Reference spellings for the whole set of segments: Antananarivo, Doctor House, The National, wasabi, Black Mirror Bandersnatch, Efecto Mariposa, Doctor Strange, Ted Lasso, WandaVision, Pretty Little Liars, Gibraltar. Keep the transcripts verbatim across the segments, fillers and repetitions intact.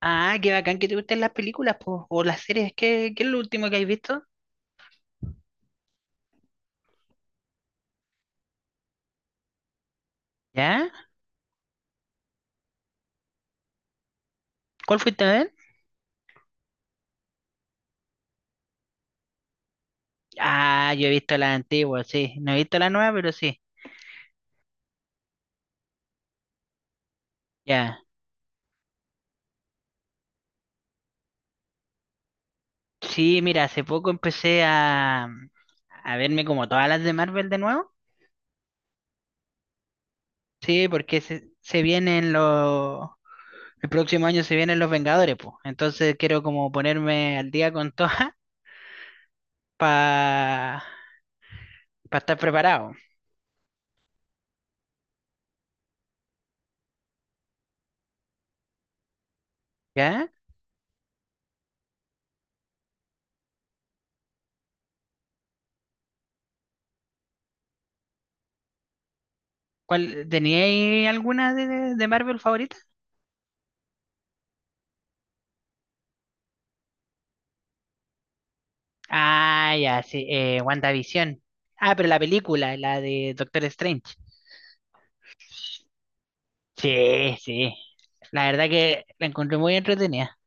Ah, qué bacán que te gusten las películas, po, o las series. ¿Qué, qué es lo último que has visto? ¿Ya? ¿Cuál fuiste a ver? Ah, yo he visto la antigua, sí. No he visto la nueva, pero sí. Ya. Sí, mira, hace poco empecé a, a verme como todas las de Marvel de nuevo. Sí, porque se, se vienen los... El próximo año se vienen los Vengadores, pues. Entonces quiero como ponerme al día con todas para estar preparado. ¿Ya? ¿Cuál, teníais alguna de, de Marvel favorita? Ah, ya, sí, eh, WandaVision. Ah, pero la película, la de Doctor Strange. Sí, sí. La verdad que la encontré muy entretenida.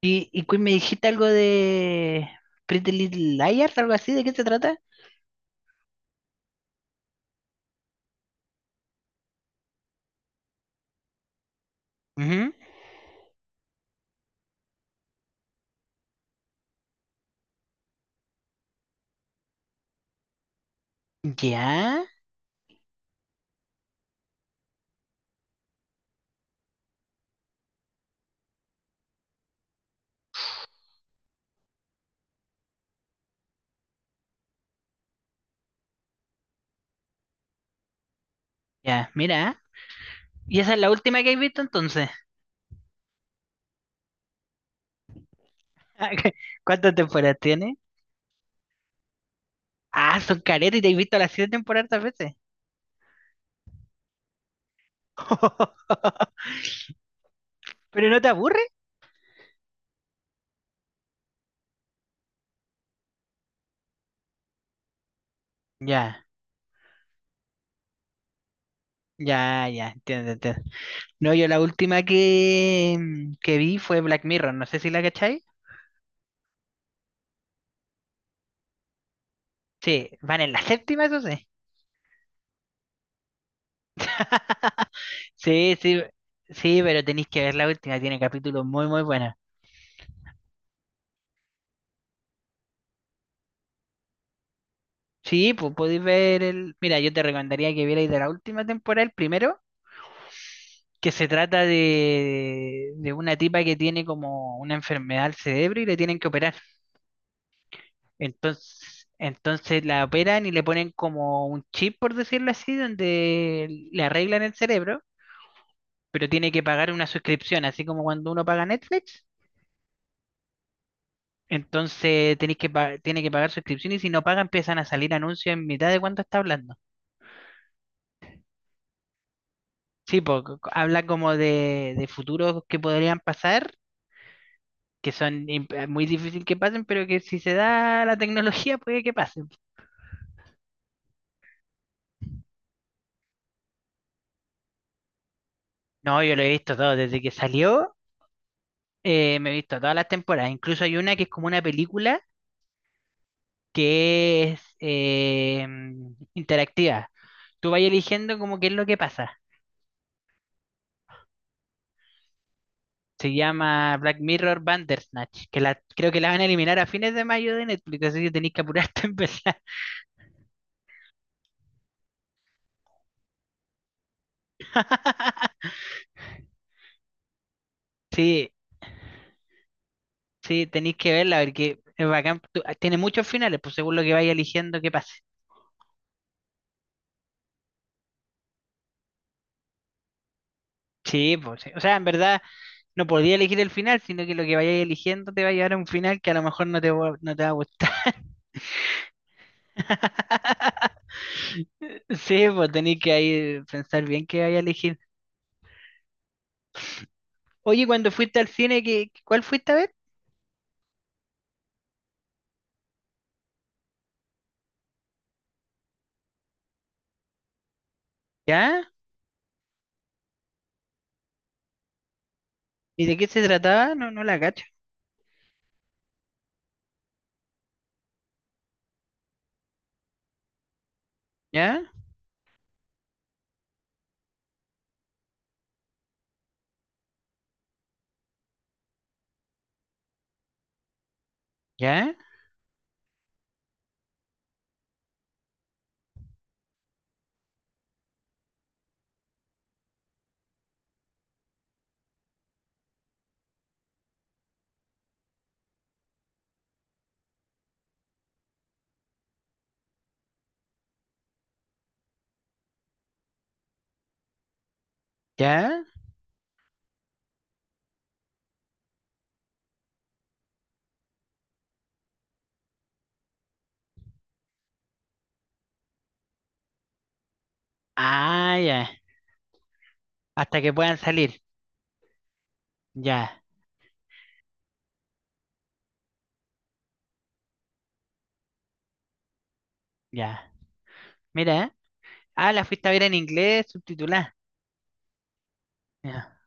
Y, y Queen, me dijiste algo de Pretty Little Liars, algo así, ¿de qué se trata? Ujú. Ya, ya, mira. ¿Y esa es la última que has visto entonces? Ah, ¿Cuántas temporadas tiene? Ah, son caretas y te has visto las siete temporadas a veces. ¿Pero no te aburre? Ya, ya, ya, entiendo, entiendo. No, yo la última que, mm, que vi fue Black Mirror, no sé si la cachai. Sí, van en la séptima, eso sí. Sí, sí, sí, pero tenéis que ver la última, tiene capítulos muy, muy buenos. Sí, pues podéis ver el... Mira, yo te recomendaría que vierais de la última temporada el primero, que se trata de, de una tipa que tiene como una enfermedad al cerebro y le tienen que operar. Entonces, entonces la operan y le ponen como un chip, por decirlo así, donde le arreglan el cerebro pero tiene que pagar una suscripción, así como cuando uno paga Netflix. Entonces tenéis que pa- tiene que pagar suscripción y si no paga empiezan a salir anuncios en mitad de cuánto está hablando. Sí, porque habla como de, de futuros que podrían pasar, que son imp- muy difícil que pasen, pero que si se da la tecnología puede que pasen. No, yo lo he visto todo, desde que salió eh, me he visto todas las temporadas. Incluso hay una que es como una película que es eh, interactiva. Tú vas eligiendo como qué es lo que pasa. Se llama Black Mirror Bandersnatch, que la, creo que la van a eliminar a fines de mayo de Netflix, así que tenéis que apurarte a empezar. Sí, sí, tenéis que verla, porque es bacán. tú- ah, Tiene muchos finales, pues según lo que vaya eligiendo, que pase. Sí, pues, sí. O sea, en verdad no podía elegir el final, sino que lo que vayas eligiendo te va a llevar a un final que a lo mejor no te, va- no te va a gustar. Sí, pues tenéis que ahí pensar bien qué vaya a elegir. Oye, cuando fuiste al cine, ¿qué, cuál fuiste a ver? ¿Ya? ¿Y de qué se trataba? No, no la cacho. ¿Ya? ¿Ya? ¿Ya? Ah, ya. Hasta que puedan salir. Ya, ya. Mira. Ah, la fuiste a ver en inglés, subtitulada. Ya.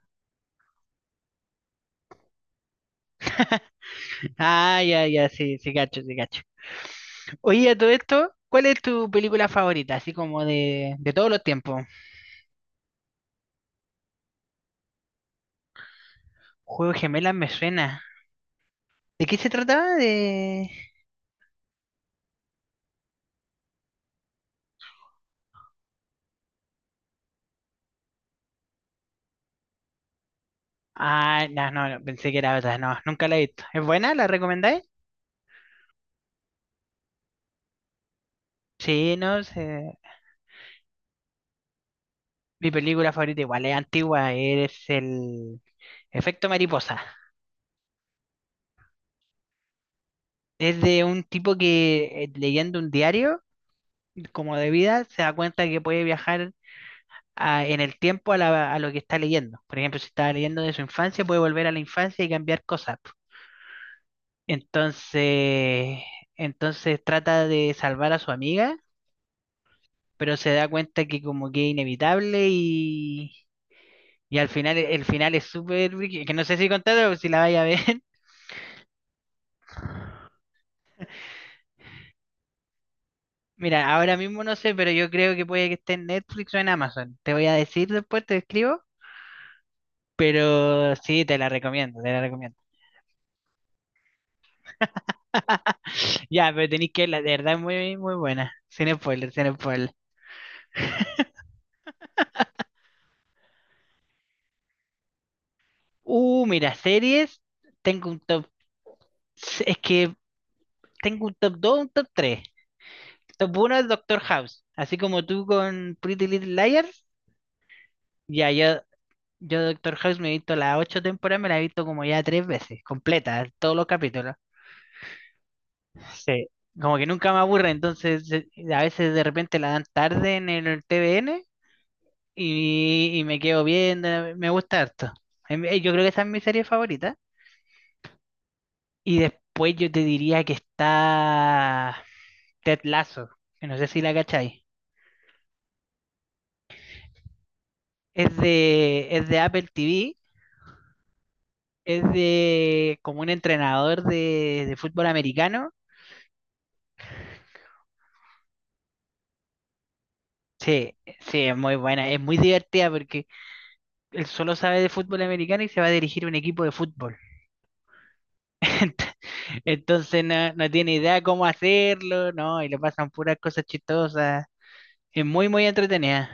Ah, ya, ya, sí, sí, cacho, sí, cacho. Oye, a todo esto, ¿cuál es tu película favorita? Así como de, de todos los tiempos. Juego de Gemelas me suena. ¿De qué se trataba? De... Ah, no, no, no, pensé que era otra. No, nunca la he visto. ¿Es buena? ¿La recomendáis? Sí, no sé. Mi película favorita igual es antigua, es el Efecto Mariposa. Es de un tipo que eh, leyendo un diario como de vida se da cuenta que puede viajar a- en el tiempo a, la- a lo que está leyendo. Por ejemplo, si estaba leyendo de su infancia, puede volver a la infancia y cambiar cosas. Entonces, entonces trata de salvar a su amiga, pero se da cuenta que como que es inevitable y, y al final el final es súper... brígido. Que no sé si contarlo, o si la vaya a ver. Mira, ahora mismo no sé, pero yo creo que puede que esté en Netflix o en Amazon. Te voy a decir después, te escribo. Pero sí, te la recomiendo, te la recomiendo. Ya, pero tenéis que verla, de verdad, muy, muy buena. Sin spoiler, sin spoiler. Uh, mira, series. Tengo un top. Es que tengo un top dos un top tres. Top uno es Doctor House. Así como tú con Pretty Little Liars. Ya, yo, yo Doctor House me he visto las ocho temporadas, me la he visto como ya tres veces, completa, todos los capítulos. Sí. Como que nunca me aburre, entonces eh, a veces de repente la dan tarde en el T V N y, y me quedo viendo, me gusta harto. Em, eh, Yo creo que esa es mi serie favorita. Y después yo te diría que está Ted Lasso, que no sé si la cacháis. Es de, es de Apple T V, es de como un entrenador de, de fútbol americano. Sí, sí, es muy buena, es muy divertida porque él solo sabe de fútbol americano y se va a dirigir un equipo de fútbol. Entonces no, no tiene idea cómo hacerlo, ¿no? Y le pasan puras cosas chistosas. Es muy, muy entretenida.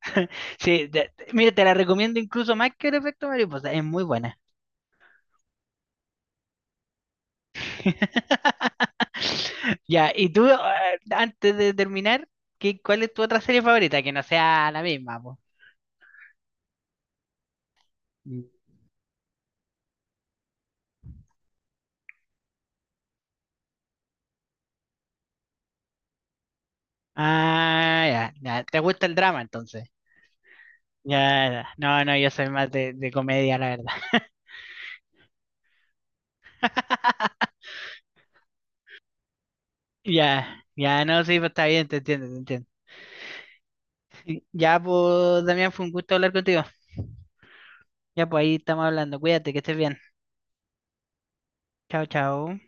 Sí, te- te- mira, te la recomiendo incluso más que el efecto mariposa. Es muy buena. Ya, y tú, eh, antes de terminar, ¿qué, cuál es tu otra serie favorita? Que no sea la misma, po. Mm. Ah, ya, ya. ¿Te gusta el drama entonces? Ya, ya. No, no, yo soy más de, de comedia, la verdad. Ya, ya, no, sí, pues está bien, te entiendo, te entiendo. Ya, pues, Damián, fue un gusto hablar contigo. Ya, pues ahí estamos hablando. Cuídate, que estés bien. Chao, chao.